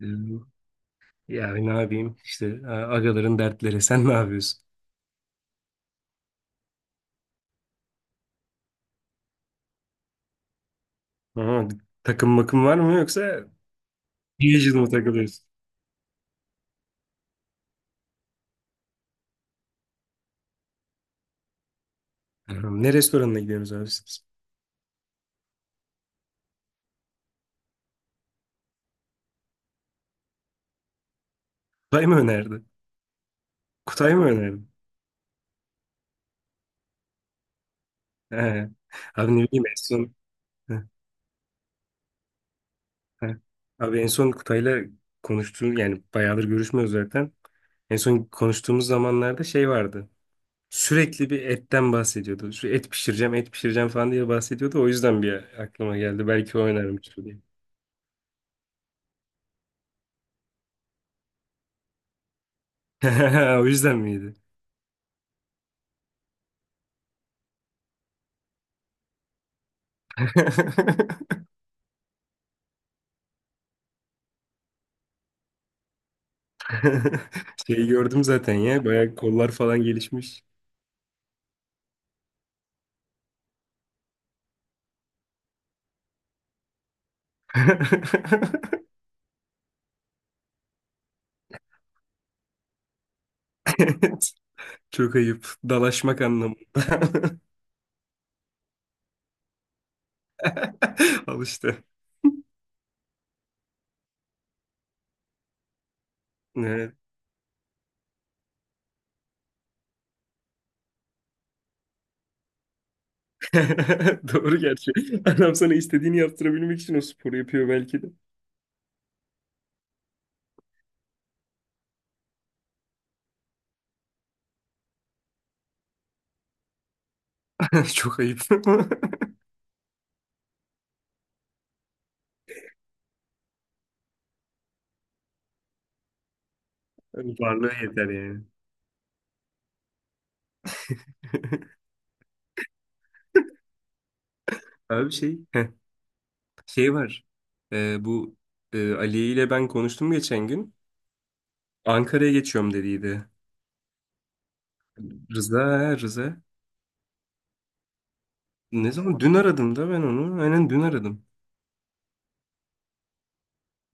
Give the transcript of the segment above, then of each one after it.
Ee, Ya ne yapayım işte agaların dertleri sen ne yapıyorsun? Aha, takım makım var mı yoksa Diyaji'de mi takılıyorsun? Aha, ne restoranına gidiyorsunuz abi siz? Kutay mı önerdi? Kutay mı önerdi? He. Abi ne bileyim en son. He, he. Abi en son Kutay'la konuştuğum yani bayağıdır görüşmüyoruz zaten. En son konuştuğumuz zamanlarda şey vardı. Sürekli bir etten bahsediyordu. Şu et pişireceğim, et pişireceğim falan diye bahsediyordu. O yüzden bir aklıma geldi. Belki o önermiştir diye. O yüzden miydi? Şeyi gördüm zaten ya. Bayağı kollar falan gelişmiş. Evet. Çok ayıp. Dalaşmak anlamında. Al işte. Evet. Doğru gerçi. Adam sana istediğini yaptırabilmek için o sporu yapıyor belki de. Çok ayıp. Hani varlığı yeter yani. Abi şey, şey var. Bu Ali ile ben konuştum geçen gün. Ankara'ya geçiyorum dediydi. Rıza, ha, Rıza. Ne zaman? Dün aradım da ben onu. Aynen dün aradım.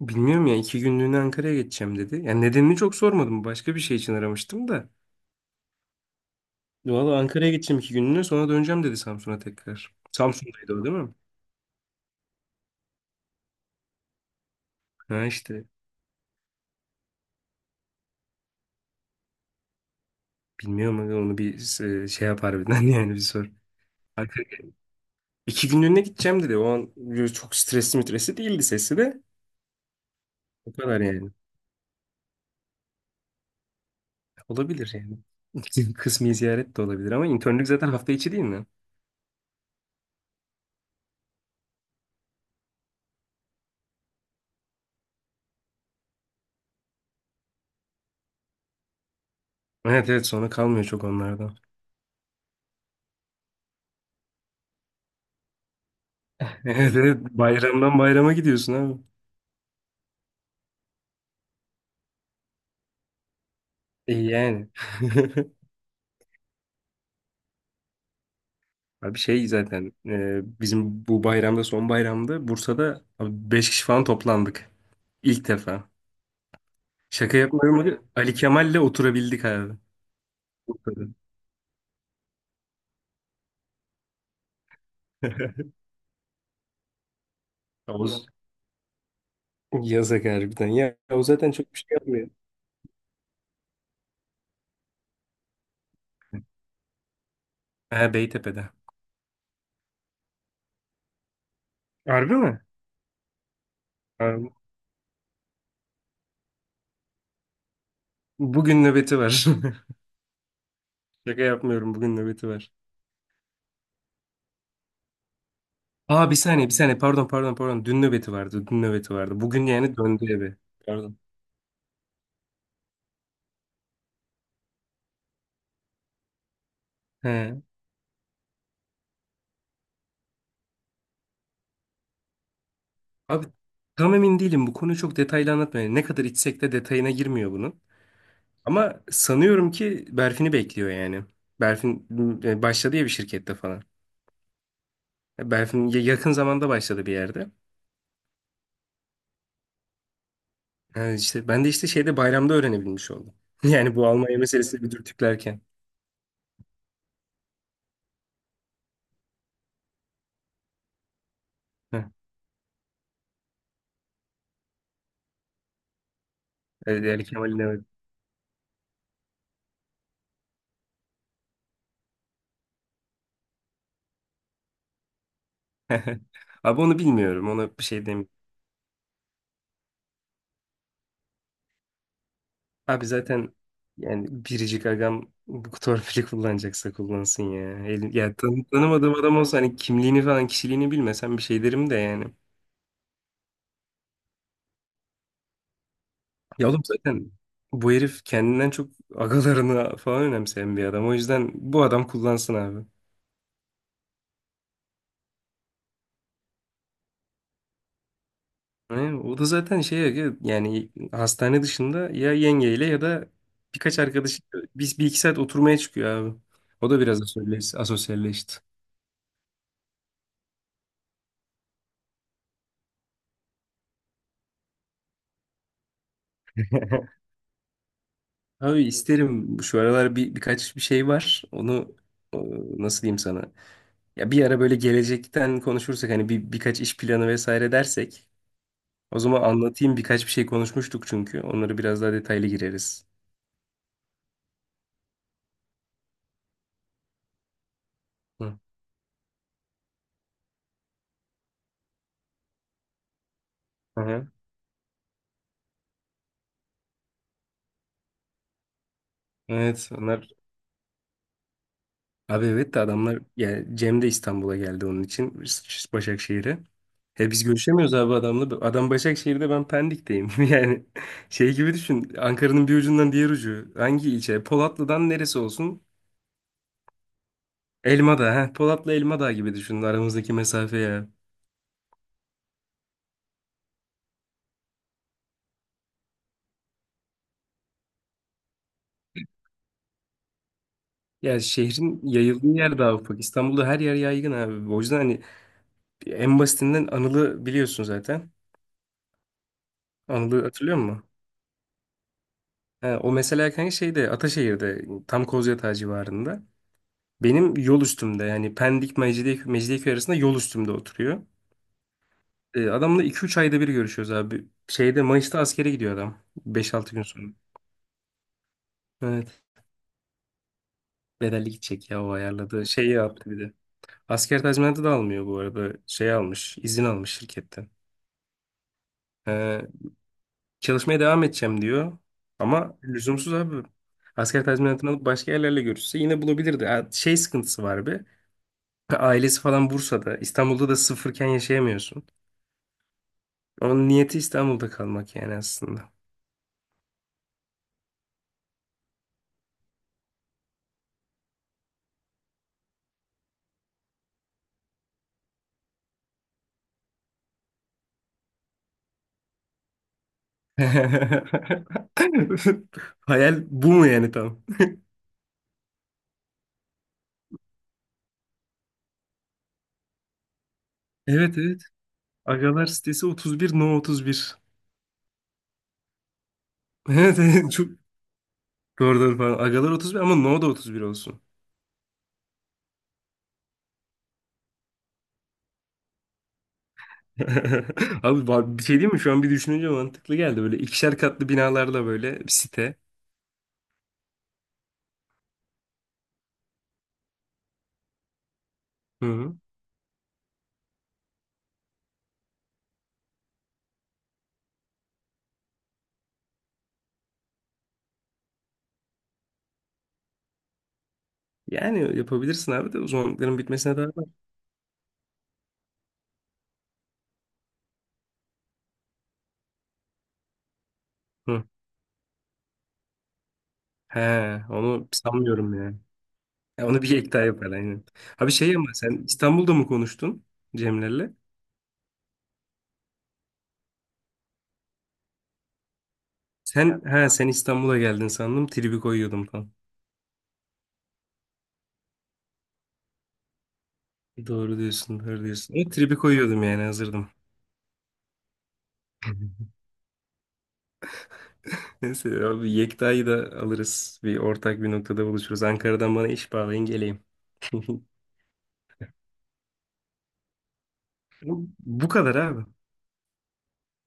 Bilmiyorum ya 2 günlüğüne Ankara'ya geçeceğim dedi. Yani nedenini çok sormadım. Başka bir şey için aramıştım da. Valla Ankara'ya geçeceğim 2 günlüğüne sonra döneceğim dedi Samsun'a tekrar. Samsun'daydı o değil mi? Ha işte. Bilmiyorum aga, onu bir şey yapar birden yani bir sor. Ankara, 2 günlüğüne gideceğim dedi. O an böyle çok stresli mitresi değildi sesi de. O kadar yani. Olabilir yani. Kısmi ziyaret de olabilir ama internlük zaten hafta içi değil mi? Evet evet sonra kalmıyor çok onlardan. Evet, evet. Bayramdan bayrama gidiyorsun abi. E yani. Abi şey zaten bizim bu bayramda son bayramda Bursa'da abi 5 kişi falan toplandık. İlk defa. Şaka yapmıyorum abi. Ali Kemal'le oturabildik abi. Bursa'da. Yavuz. Yasak harbiden. Ya o zaten çok bir şey yapmıyor. Ha, Beytepe'de. Harbi mi? Ha, bugün nöbeti var. Şaka yapmıyorum. Bugün nöbeti var. Aa bir saniye bir saniye. Pardon pardon pardon. Dün nöbeti vardı. Dün nöbeti vardı. Bugün yani döndü eve. Pardon. He. Abi tam emin değilim. Bu konuyu çok detaylı anlatmıyor. Yani ne kadar içsek de detayına girmiyor bunun. Ama sanıyorum ki Berfin'i bekliyor yani. Berfin başladı ya bir şirkette falan. Berfin yakın zamanda başladı bir yerde. Yani işte ben de işte şeyde bayramda öğrenebilmiş oldum. Yani bu Almanya meselesini bir dürtüklerken. Heh, Yani Kemal'in evet. Abi onu bilmiyorum. Ona bir şey. Abi zaten yani biricik agam bu torpili kullanacaksa kullansın ya. El, ya tanımadığım adam olsa hani kimliğini falan kişiliğini bilmesem bir şey derim de yani. Ya oğlum zaten bu herif kendinden çok agalarını falan önemseyen bir adam. O yüzden bu adam kullansın abi. Yani o da zaten şey aga, yani hastane dışında ya yengeyle ya da birkaç arkadaşı biz bir iki saat oturmaya çıkıyor abi. O da biraz asosyalleşti. Abi isterim şu aralar bir birkaç bir şey var. Onu e, nasıl diyeyim sana? Ya bir ara böyle gelecekten konuşursak hani bir birkaç iş planı vesaire dersek o zaman anlatayım birkaç bir şey konuşmuştuk çünkü. Onları biraz daha detaylı gireriz. Hı. Aha. Evet onlar abi evet de adamlar yani Cem de İstanbul'a geldi onun için Başakşehir'e. E biz görüşemiyoruz abi adamla. Adam Başakşehir'de ben Pendik'teyim. Yani şey gibi düşün. Ankara'nın bir ucundan diğer ucu. Hangi ilçe? Polatlı'dan neresi olsun? Elma da, Polat'la Elma Dağı gibi düşünün aramızdaki mesafe ya. Ya şehrin yayıldığı yer daha ufak. İstanbul'da her yer yaygın abi. O yüzden hani en basitinden Anıl'ı biliyorsun zaten. Anıl'ı hatırlıyor musun? Ha, o mesela kanka şeyde Ataşehir'de tam Kozyatağı civarında. Benim yol üstümde yani Pendik Mecidiyeköy, Mecidiyeköy arasında yol üstümde oturuyor. Adamla 2-3 ayda bir görüşüyoruz abi. Şeyde Mayıs'ta askere gidiyor adam. 5-6 gün sonra. Evet. Bedelli gidecek ya o ayarladı. Şey yaptı bir de. Asker tazminatı da almıyor bu arada. Şey almış, izin almış şirketten. Ee, çalışmaya devam edeceğim diyor. Ama lüzumsuz abi. Asker tazminatını alıp başka yerlerle görüşse yine bulabilirdi. Ha, şey sıkıntısı var bir. Ailesi falan Bursa'da. İstanbul'da da sıfırken yaşayamıyorsun. Onun niyeti İstanbul'da kalmak yani aslında. Hayal bu mu yani tam? Evet evet. Agalar sitesi 31, no 31. Evet evet. Çok doğru doğru falan. Agalar 31 ama no da 31 olsun. Abi bir şey değil mi? Şu an bir düşününce mantıklı geldi. Böyle ikişer katlı binalarla böyle bir site. Hı hı. Yani yapabilirsin abi de uzmanlıkların bitmesine daha var. Hı. He, onu sanmıyorum yani. Ya onu bir ek daha yapar aynen. Abi şey ama sen İstanbul'da mı konuştun Cemler'le? Sen ha sen İstanbul'a geldin sandım. Tribi koyuyordum falan. Doğru diyorsun, doğru diyorsun. Ama tribi koyuyordum yani hazırdım. Neyse abi Yekta'yı da alırız. Bir ortak bir noktada buluşuruz. Ankara'dan bana iş bağlayın geleyim. Bu kadar abi.